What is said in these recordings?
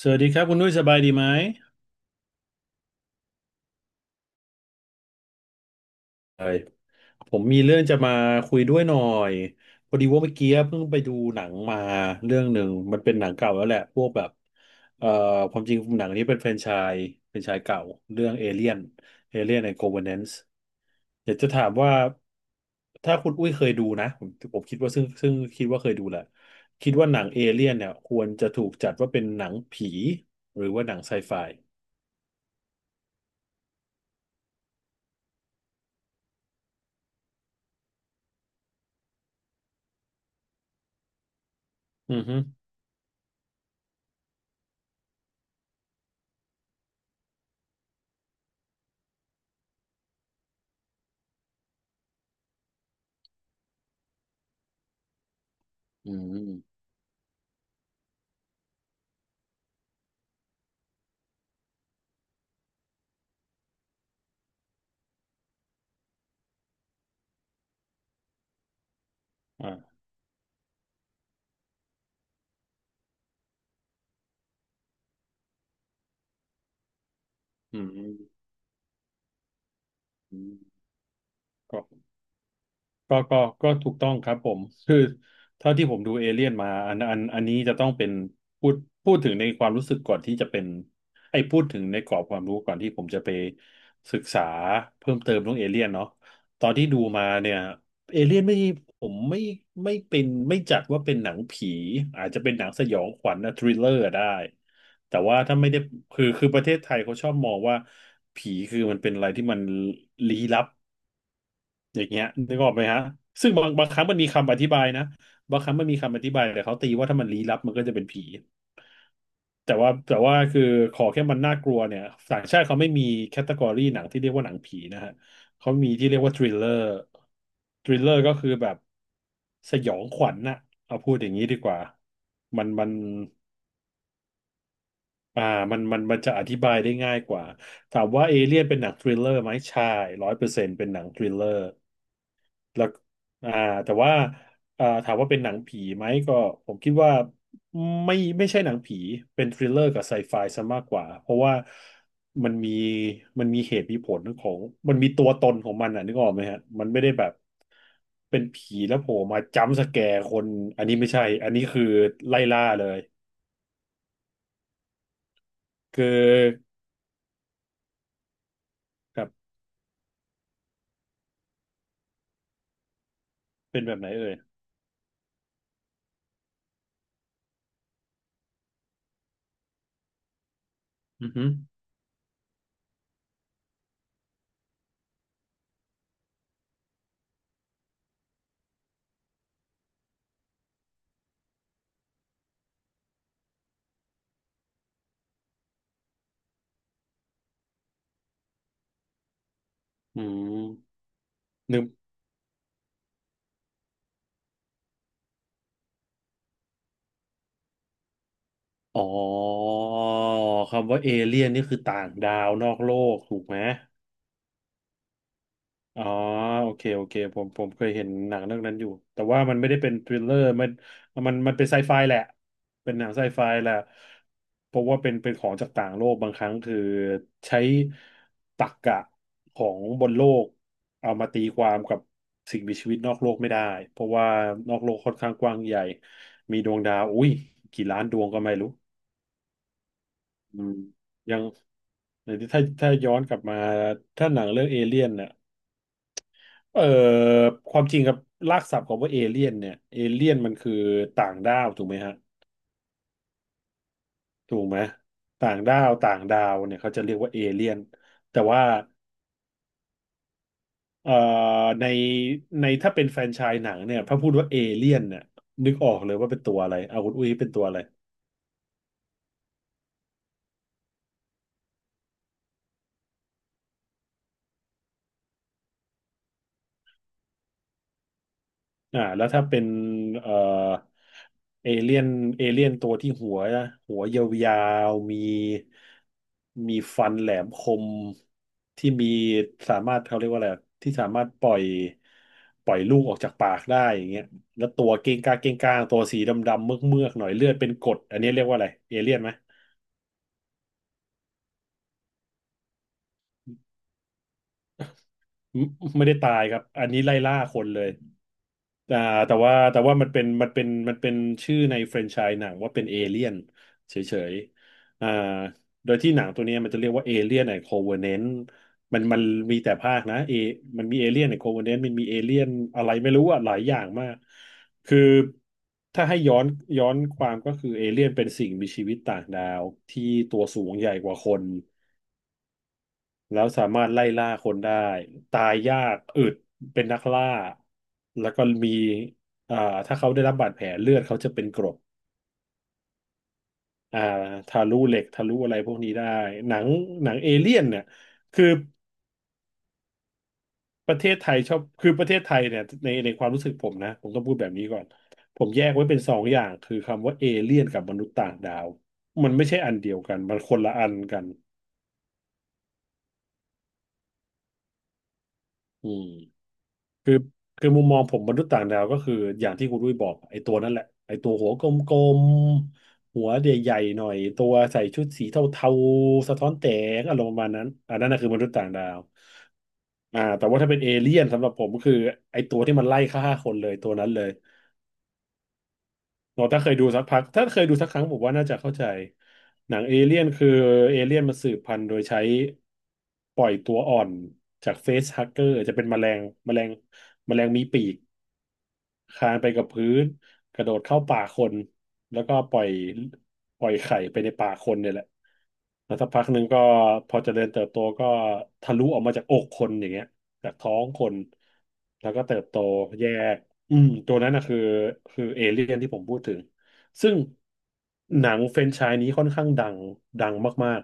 สวัสดีครับคุณนุ้ยสบายดีไหมเอ้ผมมีเรื่องจะมาคุยด้วยหน่อยพอดีว่าเมื่อกี้เพิ่งไปดูหนังมาเรื่องหนึ่งมันเป็นหนังเก่าแล้วแหละพวกแบบเอ่อความจริงหนังนี้เป็นส์แฟรนไชส์เก่าเรื่องเอเลียนเอเลียนในโคเวเนนซ์อยากจะถามว่าถ้าคุณอุ้ยเคยดูนะผมคิดว่าซึ่งคิดว่าเคยดูแหละคิดว่าหนังเอเลียนเนี่ยควรจะถูกจัดว่าเป็นหนังผีหรือว่าหนังไซไฟอือฮึอืม อืมอืมก็ก็ถูกต้องครับผมคือเท่าที่ผมดูเอเลี่ยนมาอันนี้จะต้องเป็นพูดพูดถึงในความรู้สึกก่อนที่จะเป็นไอ้พูดถึงในกรอบความรู้ก่อนที่ผมจะไปศึกษาเพิ่มเติมเรื่องเอเลี่ยนเนาะตอนที่ดูมาเนี่ยเอเลี่ยนไม่ผมไม่ไม่เป็นไม่จัดว่าเป็นหนังผีอาจจะเป็นหนังสยองขวัญนะทริลเลอร์ได้แต่ว่าถ้าไม่ได้คือประเทศไทยเขาชอบมองว่าผีคือมันเป็นอะไรที่มันลี้ลับ อย่างเงี้ยนึกออกไหมฮะซึ่งบางครั้งมันมีคำอธิบายนะบางครั้งมันมีคำอธิบายแต่เขาตีว่าถ้ามันลี้ลับมันก็จะเป็นผีแต่ว่าคือขอแค่มันน่ากลัวเนี่ยต่างชาติเขาไม่มีแคตตากรีหนังที่เรียกว่าหนังผีนะฮะเขามีที่เรียกว่าทริลเลอร์ทริลเลอร์ก็คือแบบสยองขวัญน่ะเอาพูดอย่างนี้ดีกว่ามันมันอ่ามันมันจะอธิบายได้ง่ายกว่าถามว่าเอเลียนเป็นหนังทริลเลอร์ไหมใช่ร้อยเปอร์เซ็นต์เป็นหนังทริลเลอร์ แล้วอ่าแต่ว่าถามว่าเป็นหนังผีไหมก็ผมคิดว่าไม่ไม่ใช่หนังผีเป็นทริลเลอร์กับไซไฟซะมากกว่าเพราะว่ามันมีมันมีเหตุมีผลของมันมีตัวตนของมันอ่ะนึกออกไหมฮะมันไม่ได้แบบเป็นผีแล้วโผล่มาจัมป์สแกร์คนอันนี้ไม่ใช่อันนี้คือไล่ล่าเลยคือครับเป็นแบบไหนเอ่ยอือฮึอืม อ๋อคำว่าเอเลี่ยนนี่คือต่างดาวนอกโลกถูกไหมอ๋อโอเคโอเคผมเคยเห็นหนังเรื่องนั้นอยู่แต่ว่ามันไม่ได้เป็นทริลเลอร์มันเป็นไซไฟแหละเป็นหนังไซไฟแหละเพราะว่าเป็นของจากต่างโลกบางครั้งคือใช้ตรรกะของบนโลกเอามาตีความกับสิ่งมีชีวิตนอกโลกไม่ได้เพราะว่านอกโลกค่อนข้างกว้างใหญ่มีดวงดาวอุ้ยกี่ล้านดวงก็ไม่รู้อืมยัง หรือถ้าถ้าย้อนกลับมาถ้าหนังเรื่องเอเลี่ยนเนี่ยเอ่อความจริงครับรากศัพท์ของว่าเอเลี่ยนเนี่ยเอเลี่ยนมันคือต่างดาวถูกไหมฮะถูกไหมต่างดาวต่างดาวเนี่ยเขาจะเรียกว่าเอเลี่ยนแต่ว่าเอ่อในในถ้าเป็นแฟรนไชส์หนังเนี่ยพอพูดว่าเอเลี่ยนเนี่ยนึกออกเลยว่าเป็นตัวอะไรเอาคุณอุ้ยเป็นตัวอะไร อ่าแล้วถ้าเป็นเอ่อเอเลี่ยนเอเลี่ยนตัวที่หัวหัวยาวๆมีมีฟันแหลมคมที่มีสามารถเขาเรียกว่าอะไรอะที่สามารถปล่อยลูกออกจากปากได้อย่างเงี้ยแล้วตัวเก้งก้างตัวสีดำๆเมือกๆหน่อยเลือดเป็นกรดอันนี้เรียกว่าอะไรเอเลี่ยนไหมไม่ไม่ได้ตายครับอันนี้ไล่ล่าคนเลย แต่แต่ว่ามันเป็นชื่อในแฟรนไชส์หนังว่าเป็นเอเลี่ยนเฉยๆอ่าโดยที่หนังตัวเนี้ยมันจะเรียกว่าเอเลี่ยนไอโคเวเนนมันมีแต่ภาคนะเอมันมีเอเลี่ยนไอโคเวเนนมันมีเอเลี่ยนอะไรไม่รู้อะหลายอย่างมากคือถ้าให้ย้อนความก็คือเอเลี่ยนเป็นสิ่งมีชีวิตต่างดาวที่ตัวสูงใหญ่กว่าคน แล้วสามารถไล่ล่าคนได้ตายยากอึดเป็นนักล่าแล้วก็มีอ่าถ้าเขาได้รับบาดแผลเลือดเขาจะเป็นกรดอ่าทะลุเหล็กทะลุอะไรพวกนี้ได้หนังหนังเอเลี่ยนเนี่ยคือประเทศไทยชอบคือประเทศไทยเนี่ยในความรู้สึกผมนะผมต้องพูดแบบนี้ก่อนผมแยกไว้เป็นสองอย่างคือคำว่าเอเลี่ยนกับมนุษย์ต่างดาวมันไม่ใช่อันเดียวกันมันคนละอันกันอืม คือคือมุมมองผมมนุษย์ต่างดาวก็คืออย่างที่คุณดุ้ยบอกไอ้ตัวนั่นแหละไอ้ตัวหัวกลมๆหัวใหญ่ๆหน่อยตัวใส่ชุดสีเทาๆสะท้อนแสงอารมณ์ประมาณนั้นอันนั้นนะคือมนุษย์ต่างดาวแต่ว่าถ้าเป็นเอเลี่ยนสำหรับผมก็คือไอ้ตัวที่มันไล่ฆ่าคนเลยตัวนั้นเลยเราถ้าเคยดูสักพักถ้าเคยดูสักครั้งผมว่าน่าจะเข้าใจหนังเอเลี่ยนคือเอเลี่ยนมันสืบพันธุ์โดยใช้ปล่อยตัวอ่อนจากเฟสฮักเกอร์จะเป็นแมลงแมลงแมลงมีปีก คลานไปกับพื้นกระโดดเข้าป่าคนแล้วก็ปล่อยไข่ไปในป่าคนเนี่ยแหละแล้วสักพักหนึ่งก็พอเจริญเติบโตก็ทะลุออกมาจากอกคนอย่างเงี้ยจากท้องคนแล้วก็เติบโตแยกอืมตัวนั้นนะคือเอเลี่ยนที่ผมพูดถึงซึ่งหนังแฟรนไชส์นี้ค่อนข้างดังดังมาก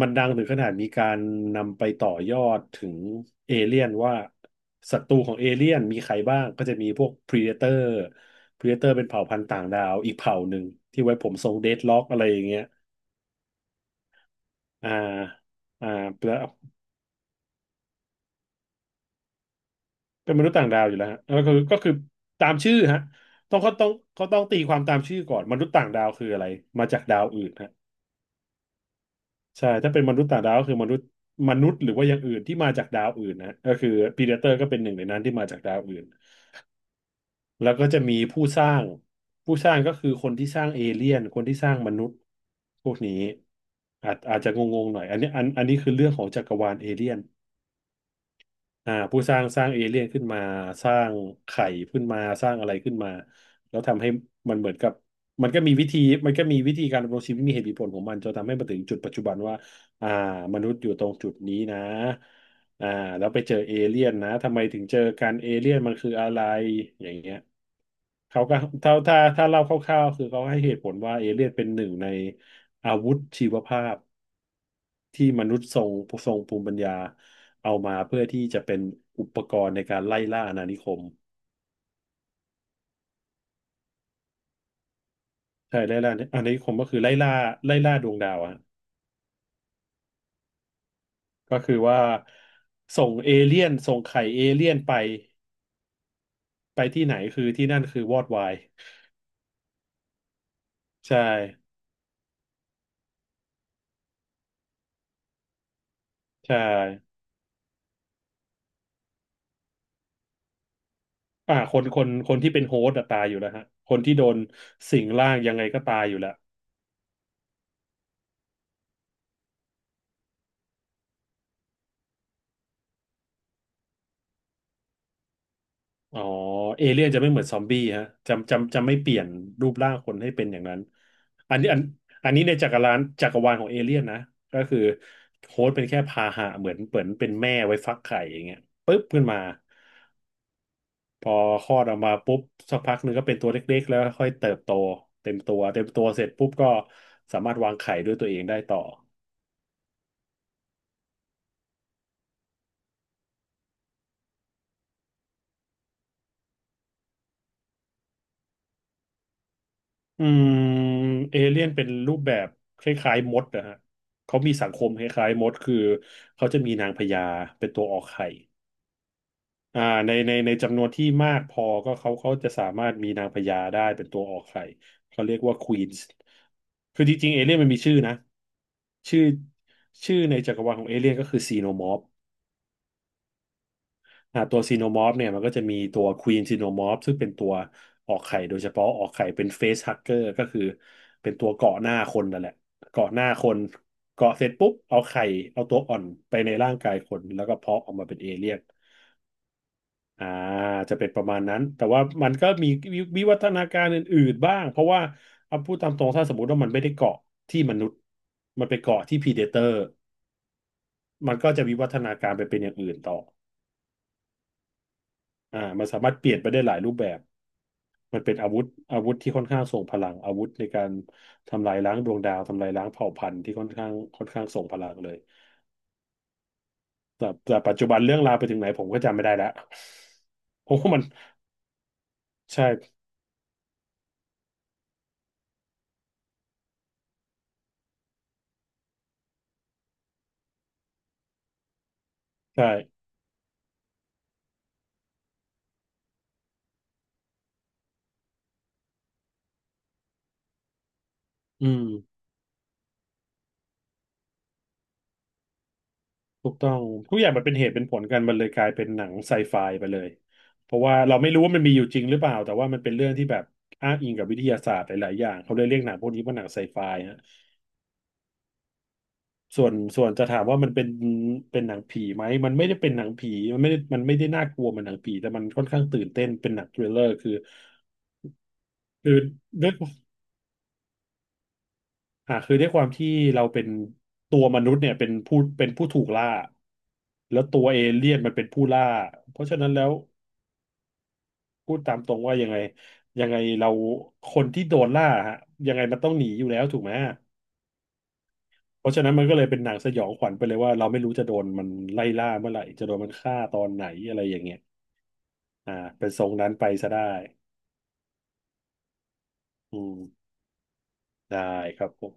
มันดังถึงขนาดมีการนำไปต่อยอดถึงเอเลี่ยนว่าศัตรูของเอเลี่ยนมีใครบ้างก็จะมีพวก Predator Predator เป็นเผ่าพันธุ์ต่างดาวอีกเผ่าหนึ่งที่ไว้ผมทรงเดดล็อกอะไรอย่างเงี้ยอ่าอ่าแล้วเป็นมนุษย์ต่างดาวอยู่แล้วฮะแล้วก็คือตามชื่อฮะต้องเขาต้องตีความตามชื่อก่อนมนุษย์ต่างดาวคืออะไรมาจากดาวอื่นฮะใช่ถ้าเป็นมนุษย์ต่างดาวก็คือมนุษย์หรือว่าอย่างอื่นที่มาจากดาวอื่นนะก็คือพีเดเตอร์ก็เป็นหนึ่งในนั้นที่มาจากดาวอื่น แล้วก็จะมีผู้สร้าง ผู้สร้างก็คือคนที่สร้างเอเลี่ยน คนที่สร้างมนุษย์พวกนี้ อาจจะงงๆหน่อยอันนี้อันนี้คือเรื่องของจักรวาลเอเลี่ยน ผู้สร้างสร้างเอเลี่ยนขึ้นมาสร้างไข่ขึ้นมาสร้างอะไรขึ้นมาแล้วทำให้มันเหมือนกับมันก็มีวิธีมันก็มีวิธีการดำรงชีวิตมีเหตุมีผลของมันจนทำให้มาถึงจุดปัจจุบันว่าอ่ามนุษย์อยู่ตรงจุดนี้นะอ่าแล้วไปเจอเอเลี่ยนนะทำไมถึงเจอกันเอเลี่ยนมันคืออะไรอย่างเงี้ยเขาก็ถ้าเล่าคร่าวๆคือเขาให้เหตุผลว่าเอเลี่ยนเป็นหนึ่งในอาวุธชีวภาพ ที่มนุษย์ทรงภูมิปัญญาเอามาเพื่อที่จะเป็นอุปกรณ์ในการไล่ล่าอาณานิคมใช่ไล่ล่าอาณานิคมก็คือไล่ล่าดวงดาวอะก็คือว่าส่งเอเลี่ยนส่งไข่เอเลี่ยนไปไปที่ไหนคือที่นั่นคือวอดวายใช่ใช่คนที่เป็นโฮสต์อะตายอยู่แล้วฮะคนที่โดนสิงร่างยังไงก็ตายอยู่แล้ว อ๋อเอเลี่ยนจะไม่เหมือนซอมบี้ฮะจะไม่เปลี่ยนรูปร่างคนให้เป็นอย่างนั้นอันนี้อันนี้ในจักรวาลของเอเลี่ยนนะก็คือโฮสต์เป็นแค่พาหะเหมือนเป็นแม่ไว้ฟักไข่อย่างเงี้ยปุ๊บขึ้นมาพอคลอดออกมาปุ๊บสักพักหนึ่งก็เป็นตัวเล็กๆแล้วค่อยเติบโตเต็มตัวเสร็จปุ๊บก็สามารถวางไข่ด้วยตัวเองได้ต่อ อืมเอเลี่ยนเป็นรูปแบบคล้ายๆมดนะฮะ เขามีสังคมคล้ายๆมดคือเขาจะมีนางพญาเป็นตัวออกไข่อ่าในจำนวนที่มากพอก็เขาจะสามารถมีนางพญาได้เป็นตัวออกไข่เขาเรียกว่าควีนส์คือจริงๆเอเลี่ยนมันมีชื่อนะชื่อชื่อในจักรวาลของเอเลี่ยนก็คือซีโนมอร์ฟ ตัวซีโนมอร์ฟเนี่ยมันก็จะมีตัวควีนซีโนมอร์ฟซึ่งเป็นตัวออกไข่โดยเฉพาะออกไข่เป็นเฟสฮักเกอร์ก็คือเป็นตัวเกาะหน้าคนนั่นแหละเกาะหน้าคนเกาะเสร็จปุ๊บเอาไข่เอาตัวอ่อนไปในร่างกายคนแล้วก็เพาะออกมาเป็นเอเลี่ยนอ่าจะเป็นประมาณนั้นแต่ว่ามันก็มีวิวัฒนาการอื่นๆบ้างเพราะว่าเอาพูดตามตรงถ้าสมมติว่ามันไม่ได้เกาะที่มนุษย์มันไปเกาะที่พรีเดเตอร์มันก็จะวิวัฒนาการไปเป็นอย่างอื่นต่อมันสามารถเปลี่ยนไปได้หลายรูปแบบ มันเป็นอาวุธอาวุธที่ค่อนข้างทรงพลังอาวุธในการทำลายล้างดวงดาวทำลายล้างเผ่าพันธุ์ที่ค่อนข้างทรงพลังเลยแต่ปัจจุบันเรื่องราวไปถึงไหนผมก็จำไม่ได้แล้ว ผมว่ามันใช่ใช่อืมถูกต้องทุกอย่างมันเป็นเหตุเป็นผลกันมันเลยกลายเป็นหนังไซไฟไปเลยเพราะว่าเราไม่รู้ว่ามันมีอยู่จริงหรือเปล่าแต่ว่ามันเป็นเรื่องที่แบบอ้างอิงกับวิทยาศาสตร์หลายๆอย่างเขาเลยเรียกหนังพวกนี้ว่าหนังไซไฟ ส่วนจะถามว่ามันเป็นหนังผีไหม มันไม่ได้เป็นหนังผี มันไม่ได้น่ากลัวเหมันหนังผี แต่มันค่อนข้างตื่นเต้นเป็นหนังทริลเลอร์คือคือด้วยคือด้วยความที่เราเป็นตัวมนุษย์เนี่ยเป็นผู้ถูกล่าแล้วตัวเอเลี่ยนมันเป็นผู้ล่าเพราะฉะนั้นแล้วพูดตามตรงว่ายังไงเราคนที่โดนล่าฮะยังไงมันต้องหนีอยู่แล้วถูกไหม เพราะฉะนั้นมันก็เลยเป็นหนังสยองขวัญไปเลยว่าเราไม่รู้จะโดนมันไล่ล่าเมื่อไหร่จะโดนมันฆ่าตอนไหนอะไรอย่างเงี้ย อ่าเป็นทรงนั้นไปซะได้ อืมได้ครับผม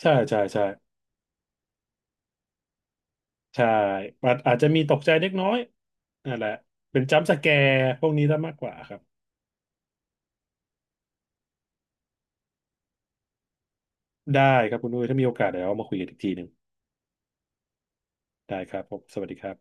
ใช่ใช่ใช่ใช่อาจจะมีตกใจเล็กน้อยนั่นแหละเป็นจัมป์สแกร์พวกนี้ซะมากกว่าครับได้ครับคุณดุ้ยถ้ามีโอกาสเดี๋ยวเรามาคุยกันอีกทีหนึ่งได้ครับผมสวัสดีครับ